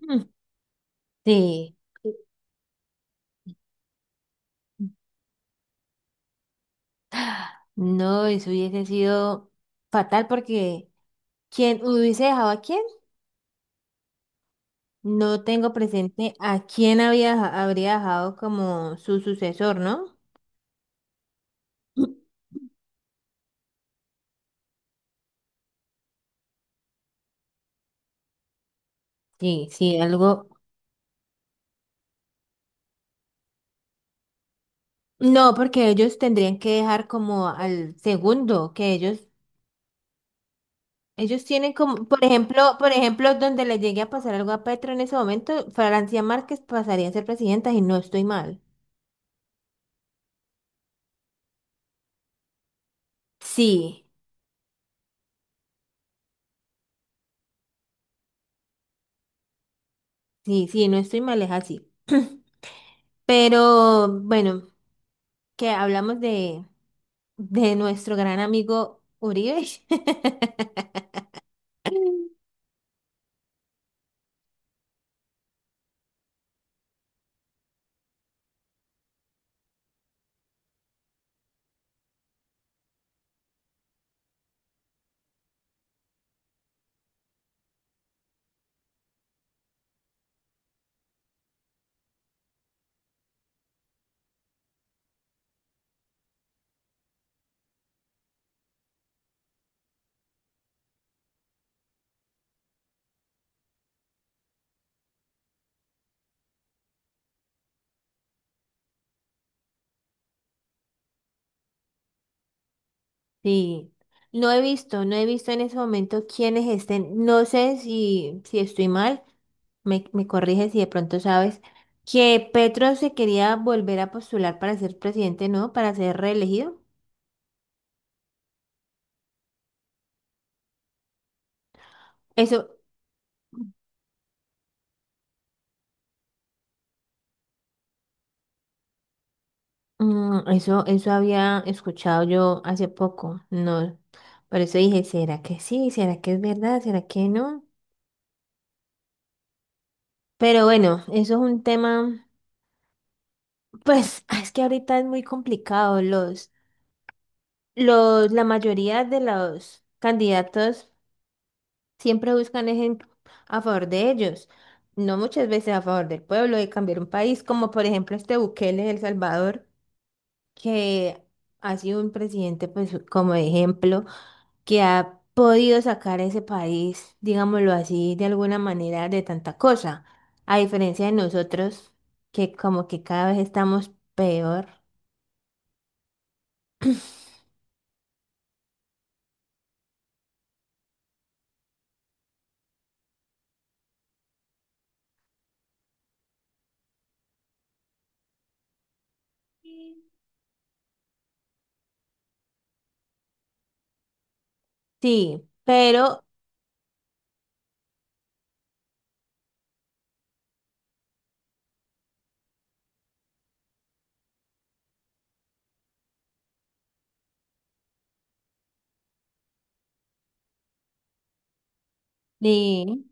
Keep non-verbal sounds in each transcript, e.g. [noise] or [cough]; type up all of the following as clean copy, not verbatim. Mm. Sí. No, eso hubiese sido fatal porque ¿quién hubiese dejado a quién? No tengo presente a quién había, deja- habría dejado como su sucesor, ¿no? Sí, sí, algo. No, porque ellos tendrían que dejar como al segundo, que ellos tienen como, por ejemplo, donde le llegue a pasar algo a Petro en ese momento, Francia Márquez pasaría a ser presidenta y no estoy mal. Sí, sí, sí, no estoy mal, es así. [clears throat] Pero bueno, que hablamos de nuestro gran amigo Uribe. [laughs] Sí, no he visto en ese momento quiénes estén, no sé si, si estoy mal, me corriges si de pronto sabes que Petro se quería volver a postular para ser presidente, ¿no? Para ser reelegido. Eso, Eso había escuchado yo hace poco, no, por eso dije, ¿será que sí? ¿Será que es verdad? ¿Será que no? Pero bueno, eso es un tema, [laughs] pues es que ahorita es muy complicado. La mayoría de los candidatos siempre buscan es en- a favor de ellos, no muchas veces a favor del pueblo, de cambiar un país, como por ejemplo este Bukele de El Salvador, que ha sido un presidente, pues como ejemplo, que ha podido sacar a ese país, digámoslo así, de alguna manera de tanta cosa, a diferencia de nosotros, que como que cada vez estamos peor. Sí, pero, sí,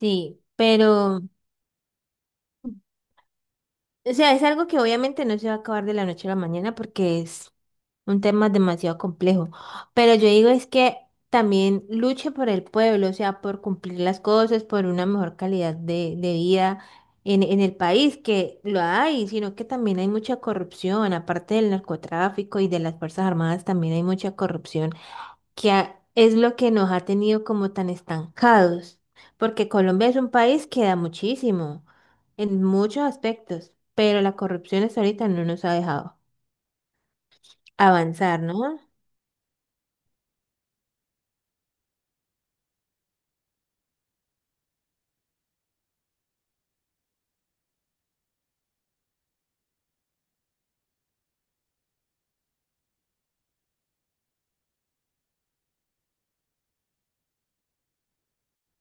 sí, pero, o sea, es algo que obviamente no se va a acabar de la noche a la mañana porque es un tema demasiado complejo. Pero yo digo es que también luche por el pueblo, o sea, por cumplir las cosas, por una mejor calidad de vida en el país, que lo hay, sino que también hay mucha corrupción, aparte del narcotráfico y de las Fuerzas Armadas, también hay mucha corrupción, que ha- es lo que nos ha tenido como tan estancados, porque Colombia es un país que da muchísimo, en muchos aspectos, pero la corrupción hasta ahorita no nos ha dejado avanzar, ¿no?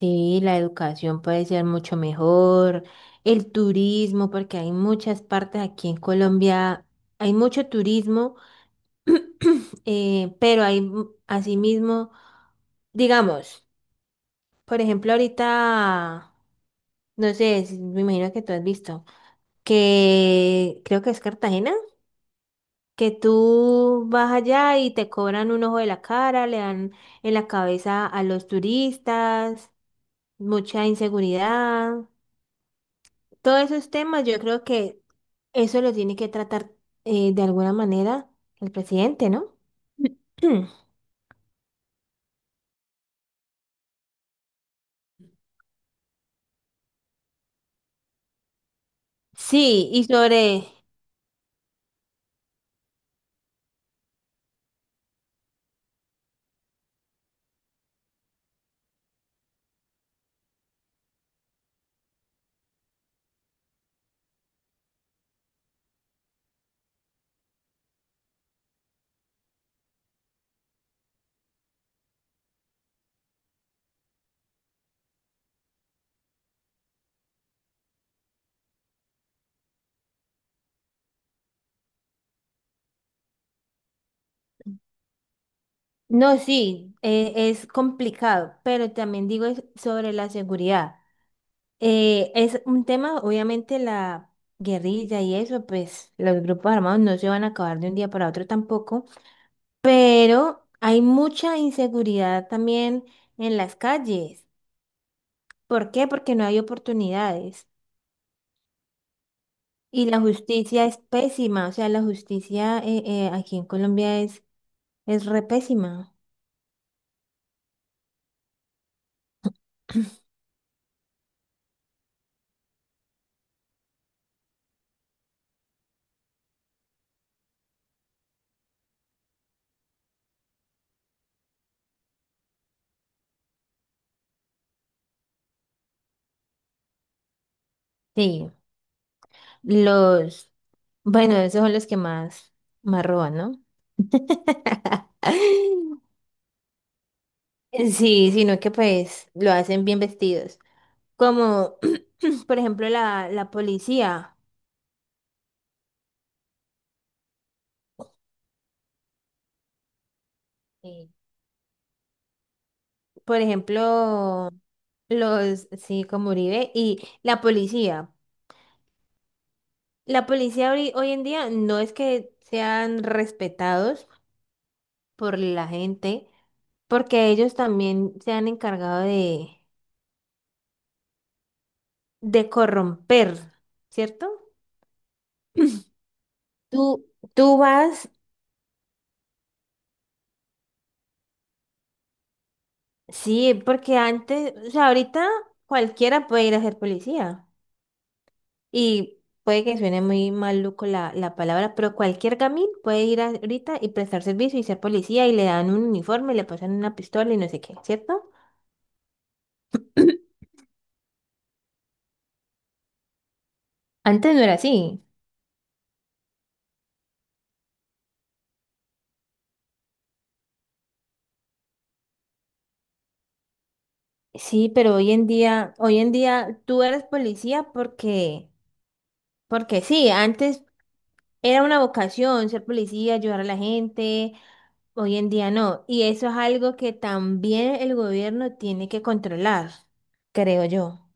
Sí, la educación puede ser mucho mejor, el turismo, porque hay muchas partes aquí en Colombia, hay mucho turismo, [clears throat] pero hay mu- asimismo, digamos, por ejemplo, ahorita, no sé, si- me imagino que tú has visto, que creo que es Cartagena, que tú vas allá y te cobran un ojo de la cara, le dan en la cabeza a los turistas, mucha inseguridad. Todos esos temas yo creo que eso lo tiene que tratar de alguna manera el presidente, ¿no? [clears throat] Hmm. Sí, y sobre... No, sí, es complicado, pero también digo es sobre la seguridad. Es un tema, obviamente la guerrilla y eso, pues los grupos armados no se van a acabar de un día para otro tampoco, pero hay mucha inseguridad también en las calles. ¿Por qué? Porque no hay oportunidades. Y la justicia es pésima, o sea, la justicia aquí en Colombia es re pésima. Sí, los, bueno, esos son más roban, ¿no? [laughs] Sí, sino que pues lo hacen bien vestidos. Como, [clears throat] por ejemplo, la policía. Sí. Por ejemplo, los, sí, como Uribe y la policía. La policía hoy en día no es que sean respetados por la gente, porque ellos también se han encargado de corromper, ¿cierto? Tú, tú vas, sí, porque antes, o sea, ahorita cualquiera puede ir a ser policía. Y puede que suene muy maluco la palabra, pero cualquier gamín puede ir a- ahorita y prestar servicio y ser policía y le dan un uniforme, le pasan una pistola y no sé qué, ¿cierto? [clears throat] Antes no era así. Sí, pero hoy en día tú eres policía porque porque sí, antes era una vocación ser policía, ayudar a la gente, hoy en día no. Y eso es algo que también el gobierno tiene que controlar, creo yo.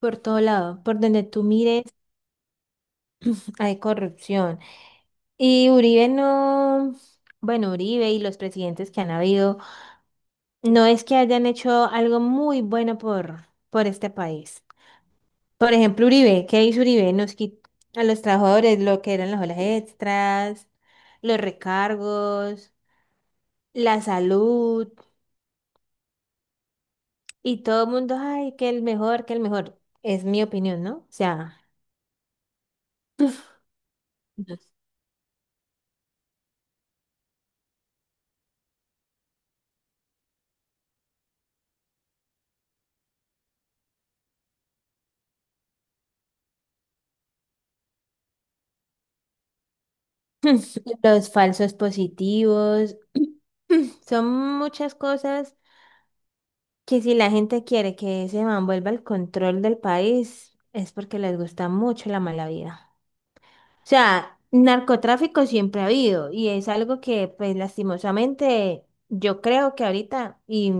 Por todo lado, por donde tú mires, hay corrupción. Y Uribe no, bueno, Uribe y los presidentes que han habido, no es que hayan hecho algo muy bueno por este país. Por ejemplo, Uribe, ¿qué hizo Uribe? Nos quitó a los trabajadores lo que eran las horas extras, los recargos, la salud y todo el mundo, ay, que el mejor, que el mejor. Es mi opinión, ¿no? O sea, los [laughs] los falsos positivos, son muchas cosas que si la gente quiere que ese man vuelva al control del país, es porque les gusta mucho la mala vida. O sea, narcotráfico siempre ha habido y es algo que, pues, lastimosamente, yo creo que ahorita, y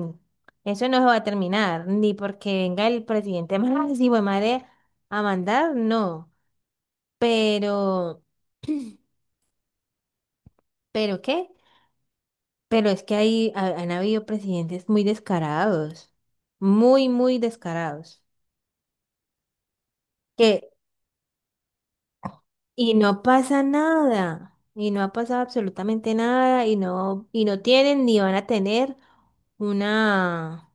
eso no se va a terminar, ni porque venga el presidente [laughs] más hijo de madre a mandar, no. Pero, ¿Pero qué? Pero es que ahí ha- han habido presidentes muy descarados, muy descarados, que y no pasa nada, y no ha pasado absolutamente nada, y no tienen ni van a tener una,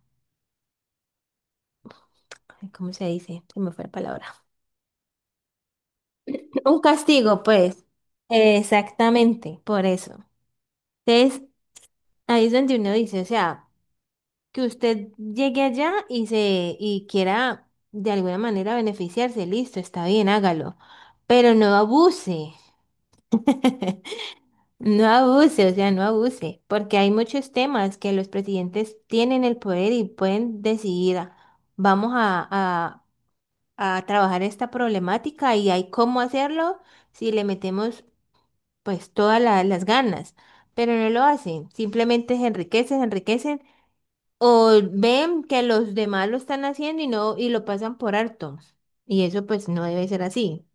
ay, ¿cómo se dice? Se me fue la palabra. [laughs] Un castigo, pues. Exactamente, por eso. Entonces, ahí es donde uno dice, o sea, que usted llegue allá y quiera de alguna manera beneficiarse, listo, está bien, hágalo, pero no abuse. [laughs] No abuse, o sea, no abuse, porque hay muchos temas que los presidentes tienen el poder y pueden decidir, "Ah, vamos a, a- a trabajar esta problemática y hay cómo hacerlo si le metemos pues todas la- las ganas, pero no lo hacen, simplemente se enriquecen o ven que los demás lo están haciendo y no y lo pasan por alto. Y eso pues no debe ser así.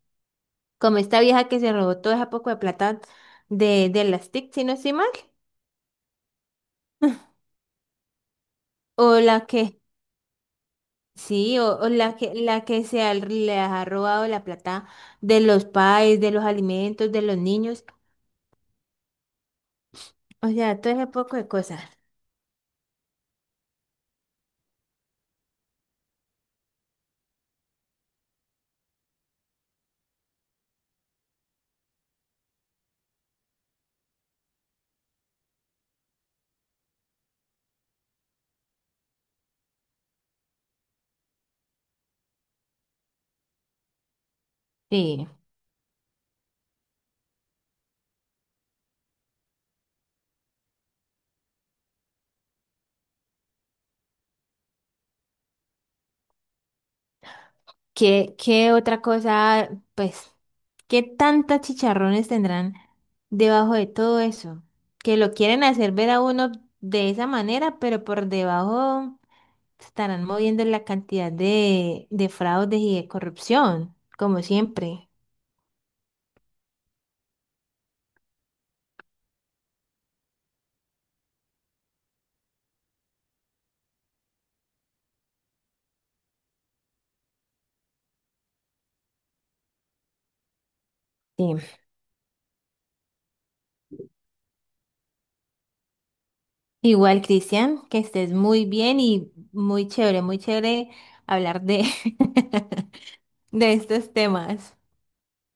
Como esta vieja que se robó toda esa poco de plata de las TIC, si no estoy mal. O la que, sí, o la que se ha- le ha robado la plata de los pais, de los alimentos, de los niños, o sea, todo ese poco de cosas. Sí. ¿Qué, qué otra cosa, pues, qué tantas chicharrones tendrán debajo de todo eso? Que lo quieren hacer ver a uno de esa manera, pero por debajo estarán moviendo la cantidad de fraudes y de corrupción, como siempre. Sí. Igual, Cristian, que estés muy bien y muy chévere hablar de, [laughs] de estos temas.